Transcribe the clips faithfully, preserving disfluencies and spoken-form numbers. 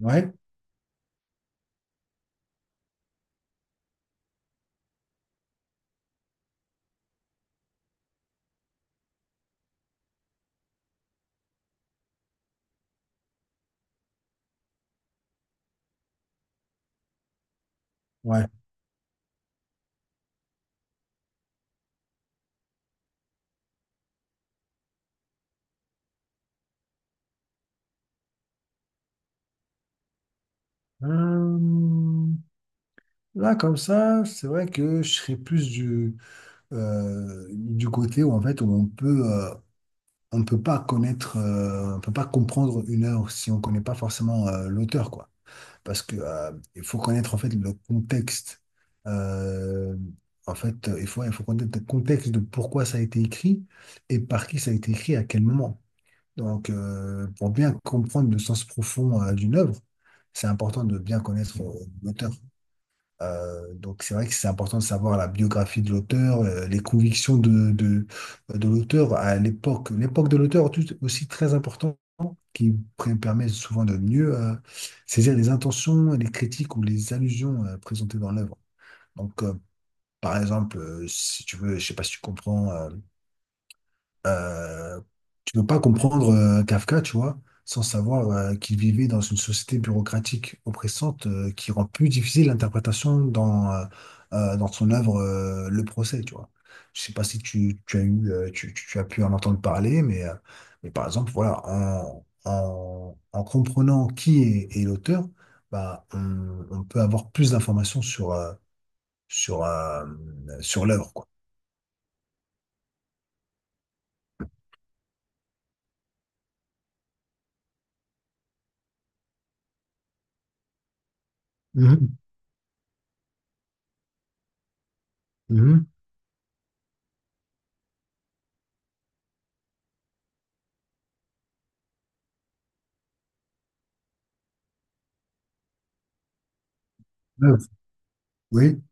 Ouais, ouais. Euh, Là, comme ça, c'est vrai que je serais plus du, euh, du côté où en fait où on peut, euh, on peut pas connaître, euh, on peut pas comprendre une œuvre si on connaît pas forcément euh, l'auteur, quoi. Parce que euh, il faut connaître en fait le contexte. Euh, en fait, il faut, il faut connaître le contexte de pourquoi ça a été écrit et par qui ça a été écrit à quel moment. Donc, euh, pour bien comprendre le sens profond euh, d'une œuvre, c'est important de bien connaître euh, l'auteur. Euh, donc, c'est vrai que c'est important de savoir la biographie de l'auteur, euh, les convictions de, de, de l'auteur à l'époque. L'époque de l'auteur est tout aussi très importante, qui pr- permet souvent de mieux euh, saisir les intentions, les critiques ou les allusions euh, présentées dans l'œuvre. Donc, euh, par exemple, euh, si tu veux, je sais pas si tu comprends euh, euh, tu ne peux pas comprendre euh, Kafka, tu vois, sans savoir euh, qu'il vivait dans une société bureaucratique oppressante euh, qui rend plus difficile l'interprétation dans, euh, euh, dans son œuvre euh, Le Procès, tu vois. Je sais pas si tu, tu as eu, euh, tu, tu- tu as pu en entendre parler, mais, euh, mais par exemple, voilà, en, en, en comprenant qui est, est l'auteur, bah, on, on peut avoir plus d'informations sur, euh, sur, euh, sur l'œuvre, quoi. Mhm, mhm. L'œuvre, oui.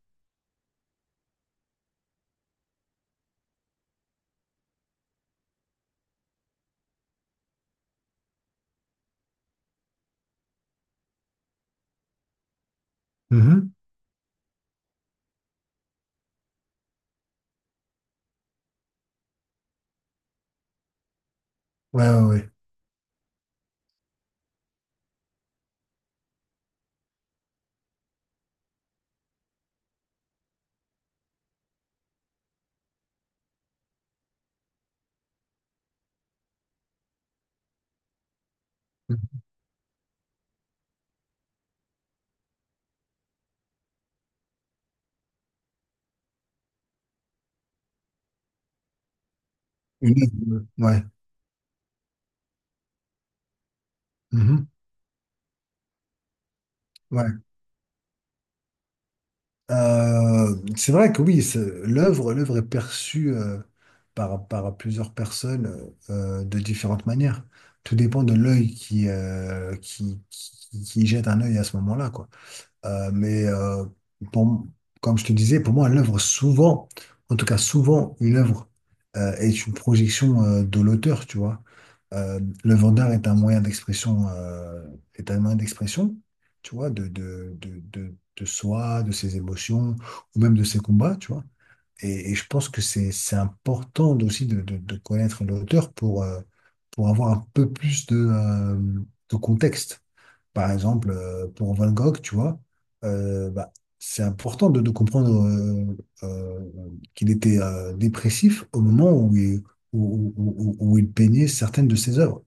Ouais, ouais, ouais. Mhm. Une œuvre, ouais. Mhm. Ouais. Euh, c'est vrai que oui, c'est- l'œuvre, l'œuvre est perçue euh, par, par plusieurs personnes euh, de différentes manières. Tout dépend de l'œil qui, euh, qui, qui, qui, jette un œil à ce moment-là, quoi. Euh, mais euh, pour- comme je te disais, pour moi, l'œuvre, souvent, en tout cas souvent, une œuvre euh, est une projection euh, de l'auteur, tu vois. Euh, l'œuvre d'art est un moyen d'expression, euh, est un moyen d'expression, tu vois, de, de, de, de, de soi, de ses émotions, ou même de ses combats, tu vois. Et, et je pense que c'est, c'est important aussi de, de, de connaître l'auteur pour, euh, pour avoir un peu plus de, euh, de contexte. Par exemple, euh, pour Van Gogh, tu vois, euh, bah, c'est important de, de comprendre euh, euh, qu'il était euh, dépressif au moment où il, où, où- où- où il peignait certaines de ses œuvres.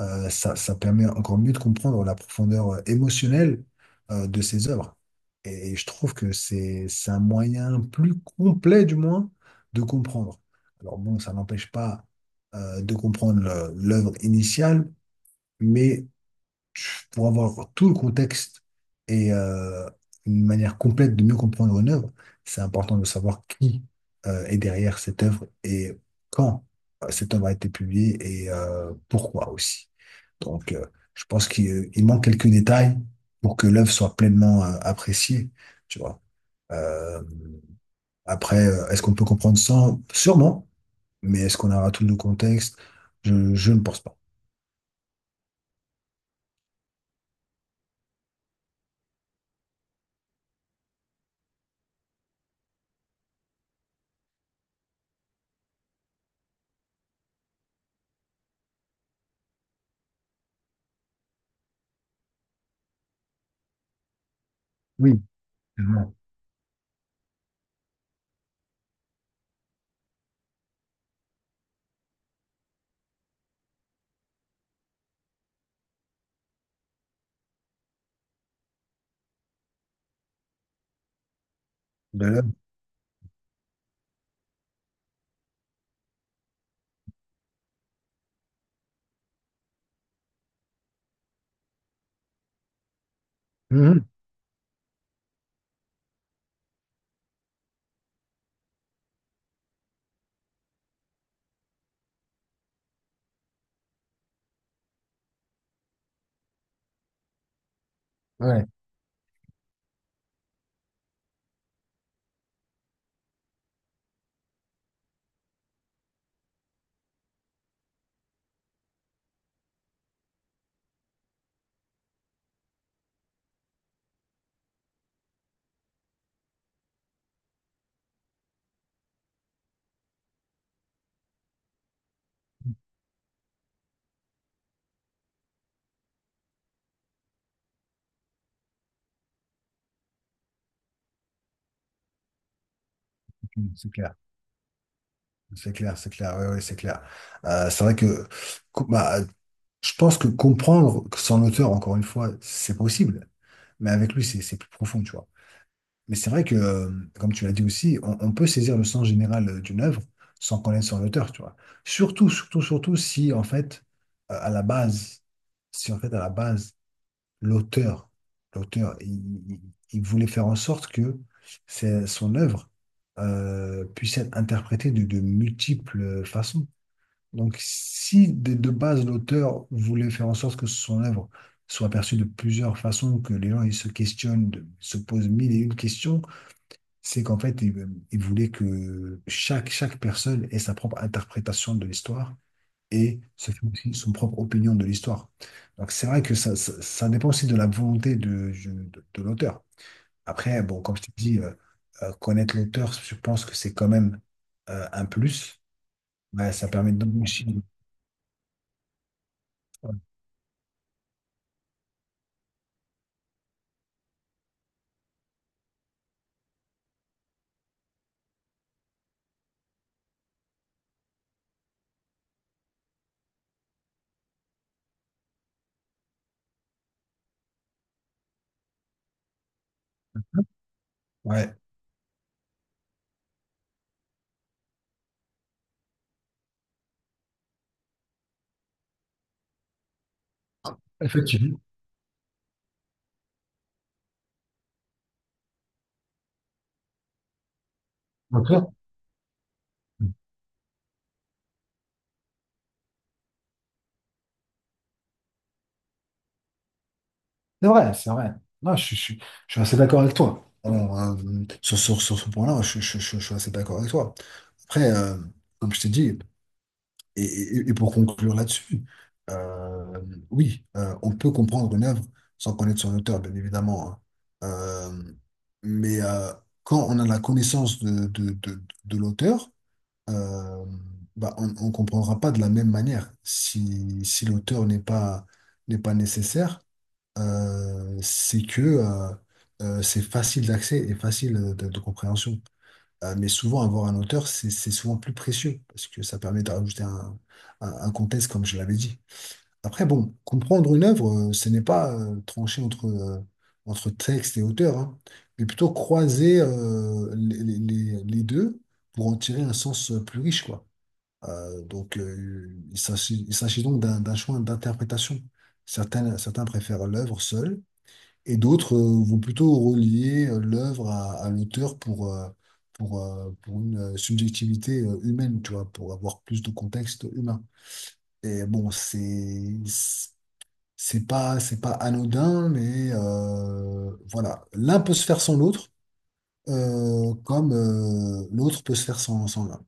Euh, ça, ça, permet encore mieux de comprendre la profondeur euh, émotionnelle euh, de ses œuvres. Et je trouve que c'est, c'est un moyen plus complet, du moins, de comprendre. Alors bon, ça n'empêche pas euh, de comprendre le- l'œuvre initiale, mais pour avoir tout le contexte et euh, une manière complète de mieux comprendre une œuvre, c'est important de savoir qui euh, est derrière cette œuvre et quand euh, cette œuvre a été publiée et euh, pourquoi aussi. Donc, euh, je pense qu'il euh, il manque quelques détails pour que l'œuvre soit pleinement euh, appréciée, tu vois. Euh, après, euh, est-ce qu'on peut comprendre sans? Sûrement. Mais est-ce qu'on aura tout le contexte? Je, je ne pense pas. Oui, tellement. De là- mhm. Ouais, c'est clair, c'est clair, c'est clair, ouais, ouais, c'est clair. Euh, c'est vrai que co- bah, je pense que comprendre que son auteur, encore une fois, c'est possible, mais avec lui, c'est c'est plus profond, tu vois. Mais c'est vrai que, euh, comme tu l'as dit aussi, on, on peut saisir le sens général euh, d'une œuvre sans connaître son auteur, tu vois. Surtout, surtout, surtout si, en fait, euh, à la base, si, en fait, à la base, l'auteur, l'auteur, il, il- il- voulait faire en sorte que c'est- son œuvre euh, puisse être interprétée de, de multiples façons. Donc, si de, de base, l'auteur voulait faire en sorte que son œuvre soit perçue de plusieurs façons, que les gens ils se questionnent, de- se posent mille et une questions, c'est qu'en fait, il, il voulait que chaque, chaque personne ait sa propre interprétation de l'histoire et se fait aussi son propre opinion de l'histoire. Donc, c'est vrai que ça, ça, ça dépend aussi de la volonté de, de, de l'auteur. Après, bon, comme je t'ai dit, euh, euh, connaître l'auteur, je pense que c'est quand même euh, un plus. Ouais, ça permet d'enrichir. Ouais, effectivement. D'accord. C'est vrai, c'est vrai. Non, je, je- je suis assez d'accord avec toi. Alors, euh, sur, sur, sur ce point-là, je, je- je- je suis assez d'accord avec toi. Après, euh, comme je t'ai dit, et, et- et pour conclure là-dessus, euh, oui, euh, on peut comprendre une œuvre sans connaître son auteur, bien évidemment, hein. Euh, mais euh, quand on a la connaissance de, de, de, de l'auteur, euh, bah, on ne comprendra pas de la même manière. Si, si l'auteur n'est pas, n'est pas nécessaire, euh, c'est que euh, euh, c'est facile d'accès et facile de de compréhension. Euh, mais souvent, avoir un auteur, c'est c'est souvent plus précieux parce que ça permet de rajouter un, un, un contexte, comme je l'avais dit. Après, bon, comprendre une œuvre, euh, ce n'est pas euh, trancher entre, euh, entre texte et auteur, hein, mais plutôt croiser euh, les, les- les- les deux pour en tirer un sens euh, plus riche, quoi. Euh, donc, euh, il s'agit il s'agit donc d'un d'un choix d'interprétation. Certains, certains préfèrent l'œuvre seule et d'autres euh, vont plutôt relier euh, l'œuvre à, à l'auteur pour, euh, pour, euh, pour une euh, subjectivité euh, humaine, tu vois, pour avoir plus de contexte humain. Et bon, c'est c'est pas c'est pas anodin, mais euh, voilà, l'un peut se faire sans l'autre, euh, comme euh, l'autre peut se faire sans, sans l'un.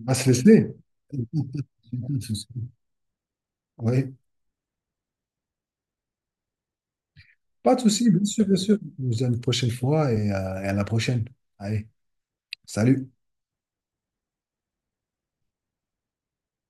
On va se laisser. Oui, pas de souci, bien sûr, bien sûr. On se dit à une prochaine fois et euh, et à la prochaine. Allez, salut.